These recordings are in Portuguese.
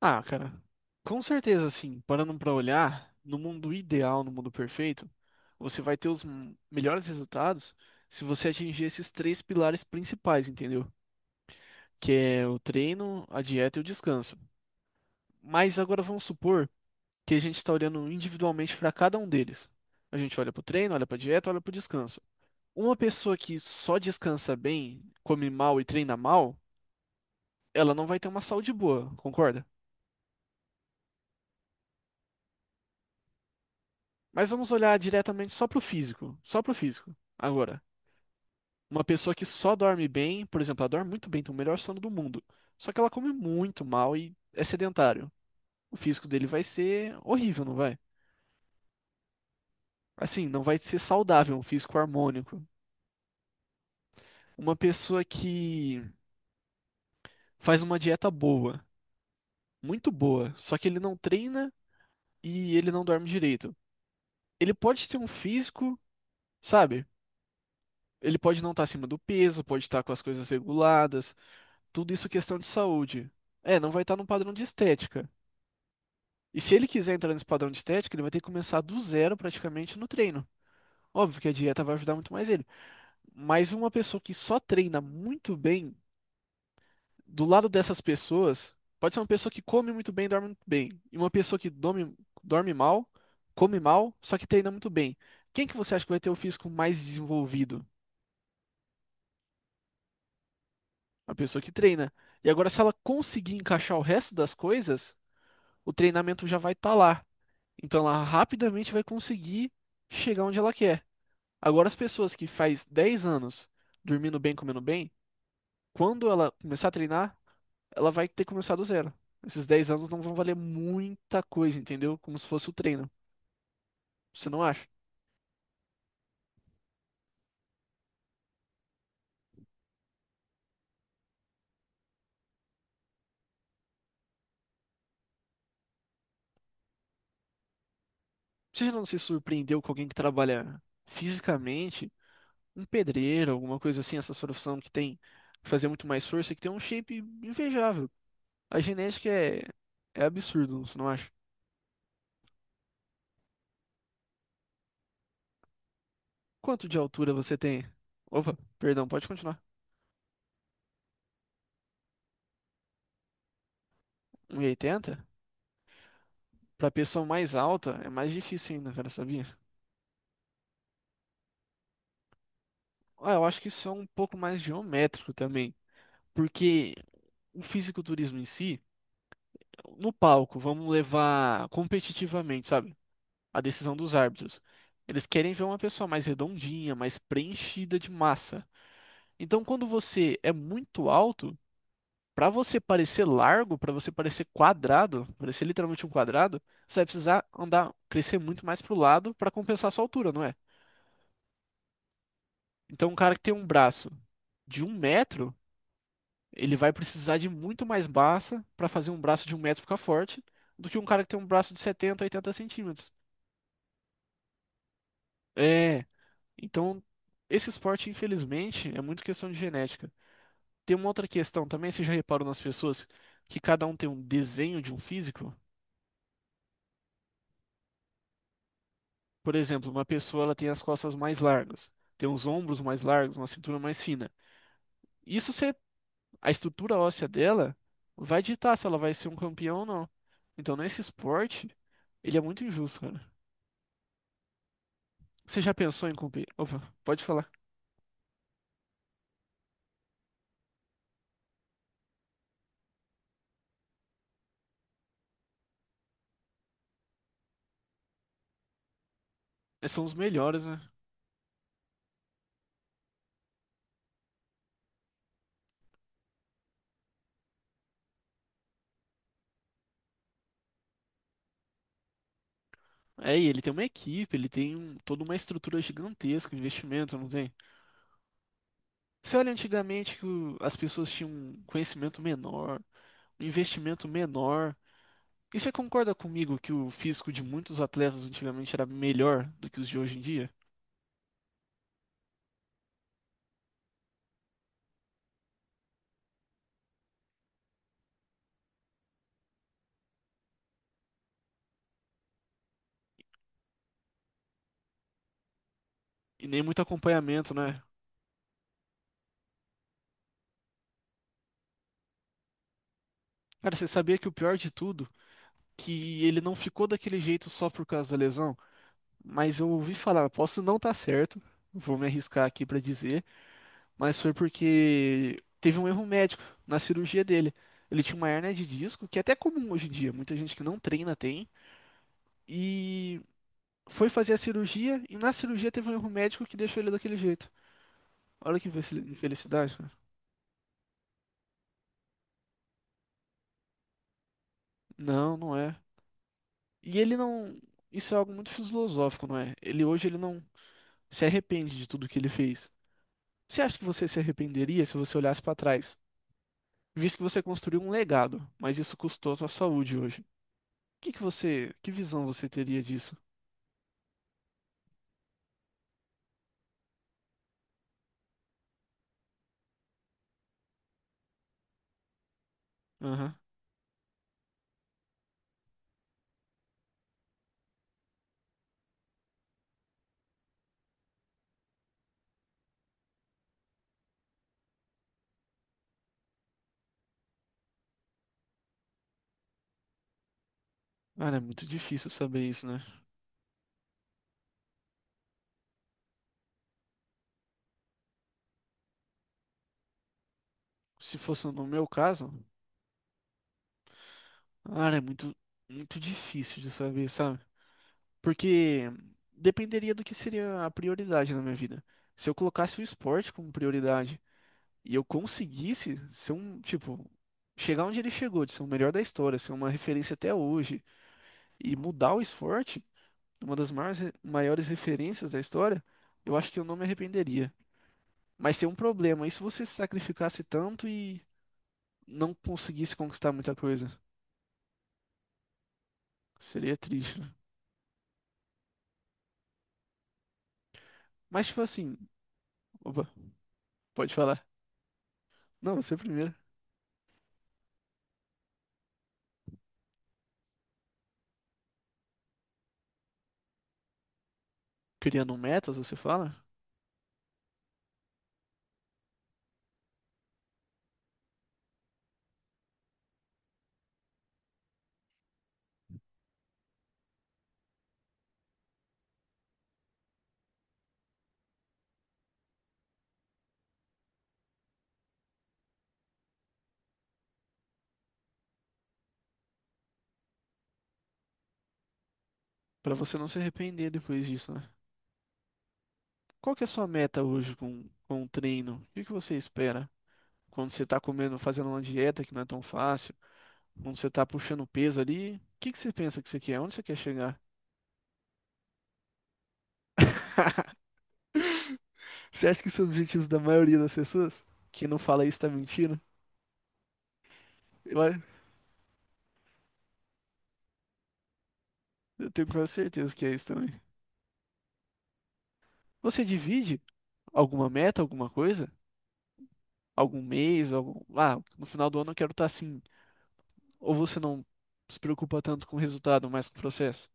Ah, cara, com certeza, assim, parando pra olhar, no mundo ideal, no mundo perfeito, você vai ter os melhores resultados se você atingir esses três pilares principais, entendeu? Que é o treino, a dieta e o descanso. Mas agora vamos supor que a gente está olhando individualmente para cada um deles. A gente olha pro treino, olha pra dieta, olha pro descanso. Uma pessoa que só descansa bem, come mal e treina mal, ela não vai ter uma saúde boa, concorda? Mas vamos olhar diretamente só pro físico, só pro físico. Agora, uma pessoa que só dorme bem, por exemplo, ela dorme muito bem, tem o melhor sono do mundo, só que ela come muito mal e é sedentário. O físico dele vai ser horrível, não vai? Assim, não vai ser saudável, um físico harmônico. Uma pessoa que faz uma dieta boa, muito boa, só que ele não treina e ele não dorme direito. Ele pode ter um físico, sabe? Ele pode não estar acima do peso, pode estar com as coisas reguladas, tudo isso questão de saúde. É, não vai estar num padrão de estética. E se ele quiser entrar nesse padrão de estética, ele vai ter que começar do zero praticamente no treino. Óbvio que a dieta vai ajudar muito mais ele. Mas uma pessoa que só treina muito bem, do lado dessas pessoas, pode ser uma pessoa que come muito bem, e dorme muito bem. E uma pessoa que dorme mal, come mal, só que treina muito bem. Quem que você acha que vai ter o físico mais desenvolvido? A pessoa que treina. E agora, se ela conseguir encaixar o resto das coisas, o treinamento já vai estar lá. Então ela rapidamente vai conseguir chegar onde ela quer. Agora, as pessoas que faz 10 anos dormindo bem, comendo bem, quando ela começar a treinar, ela vai ter que começar do zero. Esses 10 anos não vão valer muita coisa, entendeu? Como se fosse o treino. Você não acha? Você já não se surpreendeu com alguém que trabalha fisicamente, um pedreiro, alguma coisa assim, essa profissão que tem que fazer muito mais força, e que tem um shape invejável. A genética é, é absurdo, você não acha? Quanto de altura você tem? Opa, perdão, pode continuar. Um 1,80? Pra pessoa mais alta é mais difícil ainda, cara, sabia? Ah, eu acho que isso é um pouco mais geométrico também, porque o fisiculturismo em si, no palco, vamos levar competitivamente, sabe? A decisão dos árbitros. Eles querem ver uma pessoa mais redondinha, mais preenchida de massa. Então, quando você é muito alto, para você parecer largo, para você parecer quadrado, parecer literalmente um quadrado, você vai precisar andar, crescer muito mais pro lado para compensar a sua altura, não é? Então, um cara que tem um braço de 1 metro, ele vai precisar de muito mais massa para fazer um braço de um metro ficar forte do que um cara que tem um braço de 70, 80 centímetros. É, então, esse esporte, infelizmente, é muito questão de genética. Tem uma outra questão também, você já reparou nas pessoas que cada um tem um desenho de um físico? Por exemplo, uma pessoa ela tem as costas mais largas, tem os ombros mais largos, uma cintura mais fina. Isso se a estrutura óssea dela vai ditar se ela vai ser um campeão ou não. Então, nesse esporte, ele é muito injusto, cara. Você já pensou em competir? Opa, pode falar. Esses são os melhores, né? É, e ele tem uma equipe, ele tem toda uma estrutura gigantesca, um investimento, não tem? Você olha antigamente que as pessoas tinham um conhecimento menor, um investimento menor. E você concorda comigo que o físico de muitos atletas antigamente era melhor do que os de hoje em dia? E nem muito acompanhamento, né? Cara, você sabia que o pior de tudo, que ele não ficou daquele jeito só por causa da lesão? Mas eu ouvi falar, posso não estar certo, vou me arriscar aqui pra dizer, mas foi porque teve um erro médico na cirurgia dele. Ele tinha uma hérnia de disco, que é até comum hoje em dia, muita gente que não treina tem, e foi fazer a cirurgia, e na cirurgia teve um erro médico que deixou ele daquele jeito. Olha que infelicidade, cara. Não, não é. E ele não. Isso é algo muito filosófico, não é? Ele hoje ele não se arrepende de tudo que ele fez. Você acha que você se arrependeria se você olhasse pra trás, visto que você construiu um legado, mas isso custou a sua saúde hoje? Que você, que visão você teria disso? Aham. Cara, é muito difícil saber isso, né? Se fosse no meu caso, cara, é muito, muito difícil de saber, sabe? Porque dependeria do que seria a prioridade na minha vida. Se eu colocasse o esporte como prioridade e eu conseguisse ser um, tipo, chegar onde ele chegou, de ser o melhor da história, ser uma referência até hoje e mudar o esporte, uma das maiores, maiores referências da história, eu acho que eu não me arrependeria. Mas seria um problema, e se você se sacrificasse tanto e não conseguisse conquistar muita coisa? Seria triste, né? Mas, tipo assim, opa, pode falar. Não, você é primeiro. Criando metas, você fala? Pra você não se arrepender depois disso, né? Qual que é a sua meta hoje com o treino? O que que você espera? Quando você tá comendo, fazendo uma dieta que não é tão fácil, quando você tá puxando peso ali, o que que você pensa que você quer? Onde você quer chegar? Você acha que isso é o objetivo da maioria das pessoas? Quem não fala isso tá mentindo? Eu, a- eu tenho quase certeza que é isso também. Você divide alguma meta, alguma coisa? Algum mês, algum... Ah, no final do ano eu quero estar assim. Ou você não se preocupa tanto com o resultado, mas com o processo?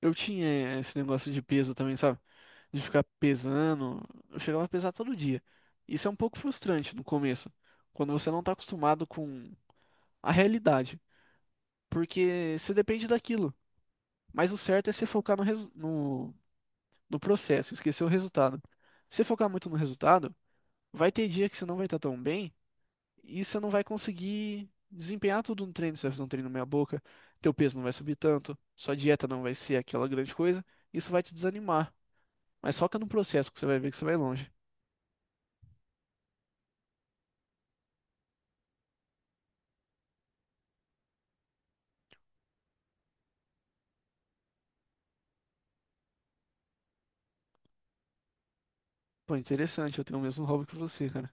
Eu tinha esse negócio de peso também, sabe? De ficar pesando. Eu chegava a pesar todo dia. Isso é um pouco frustrante no começo, quando você não tá acostumado com a realidade, porque você depende daquilo. Mas o certo é você focar no processo, esquecer o resultado. Se você focar muito no resultado, vai ter dia que você não vai estar tão bem e você não vai conseguir desempenhar tudo no treino. Você vai fazer um treino meia boca, teu peso não vai subir tanto, sua dieta não vai ser aquela grande coisa. Isso vai te desanimar. Mas foca no processo que você vai ver que você vai longe. Pô, interessante, eu tenho o mesmo hobby que você, cara.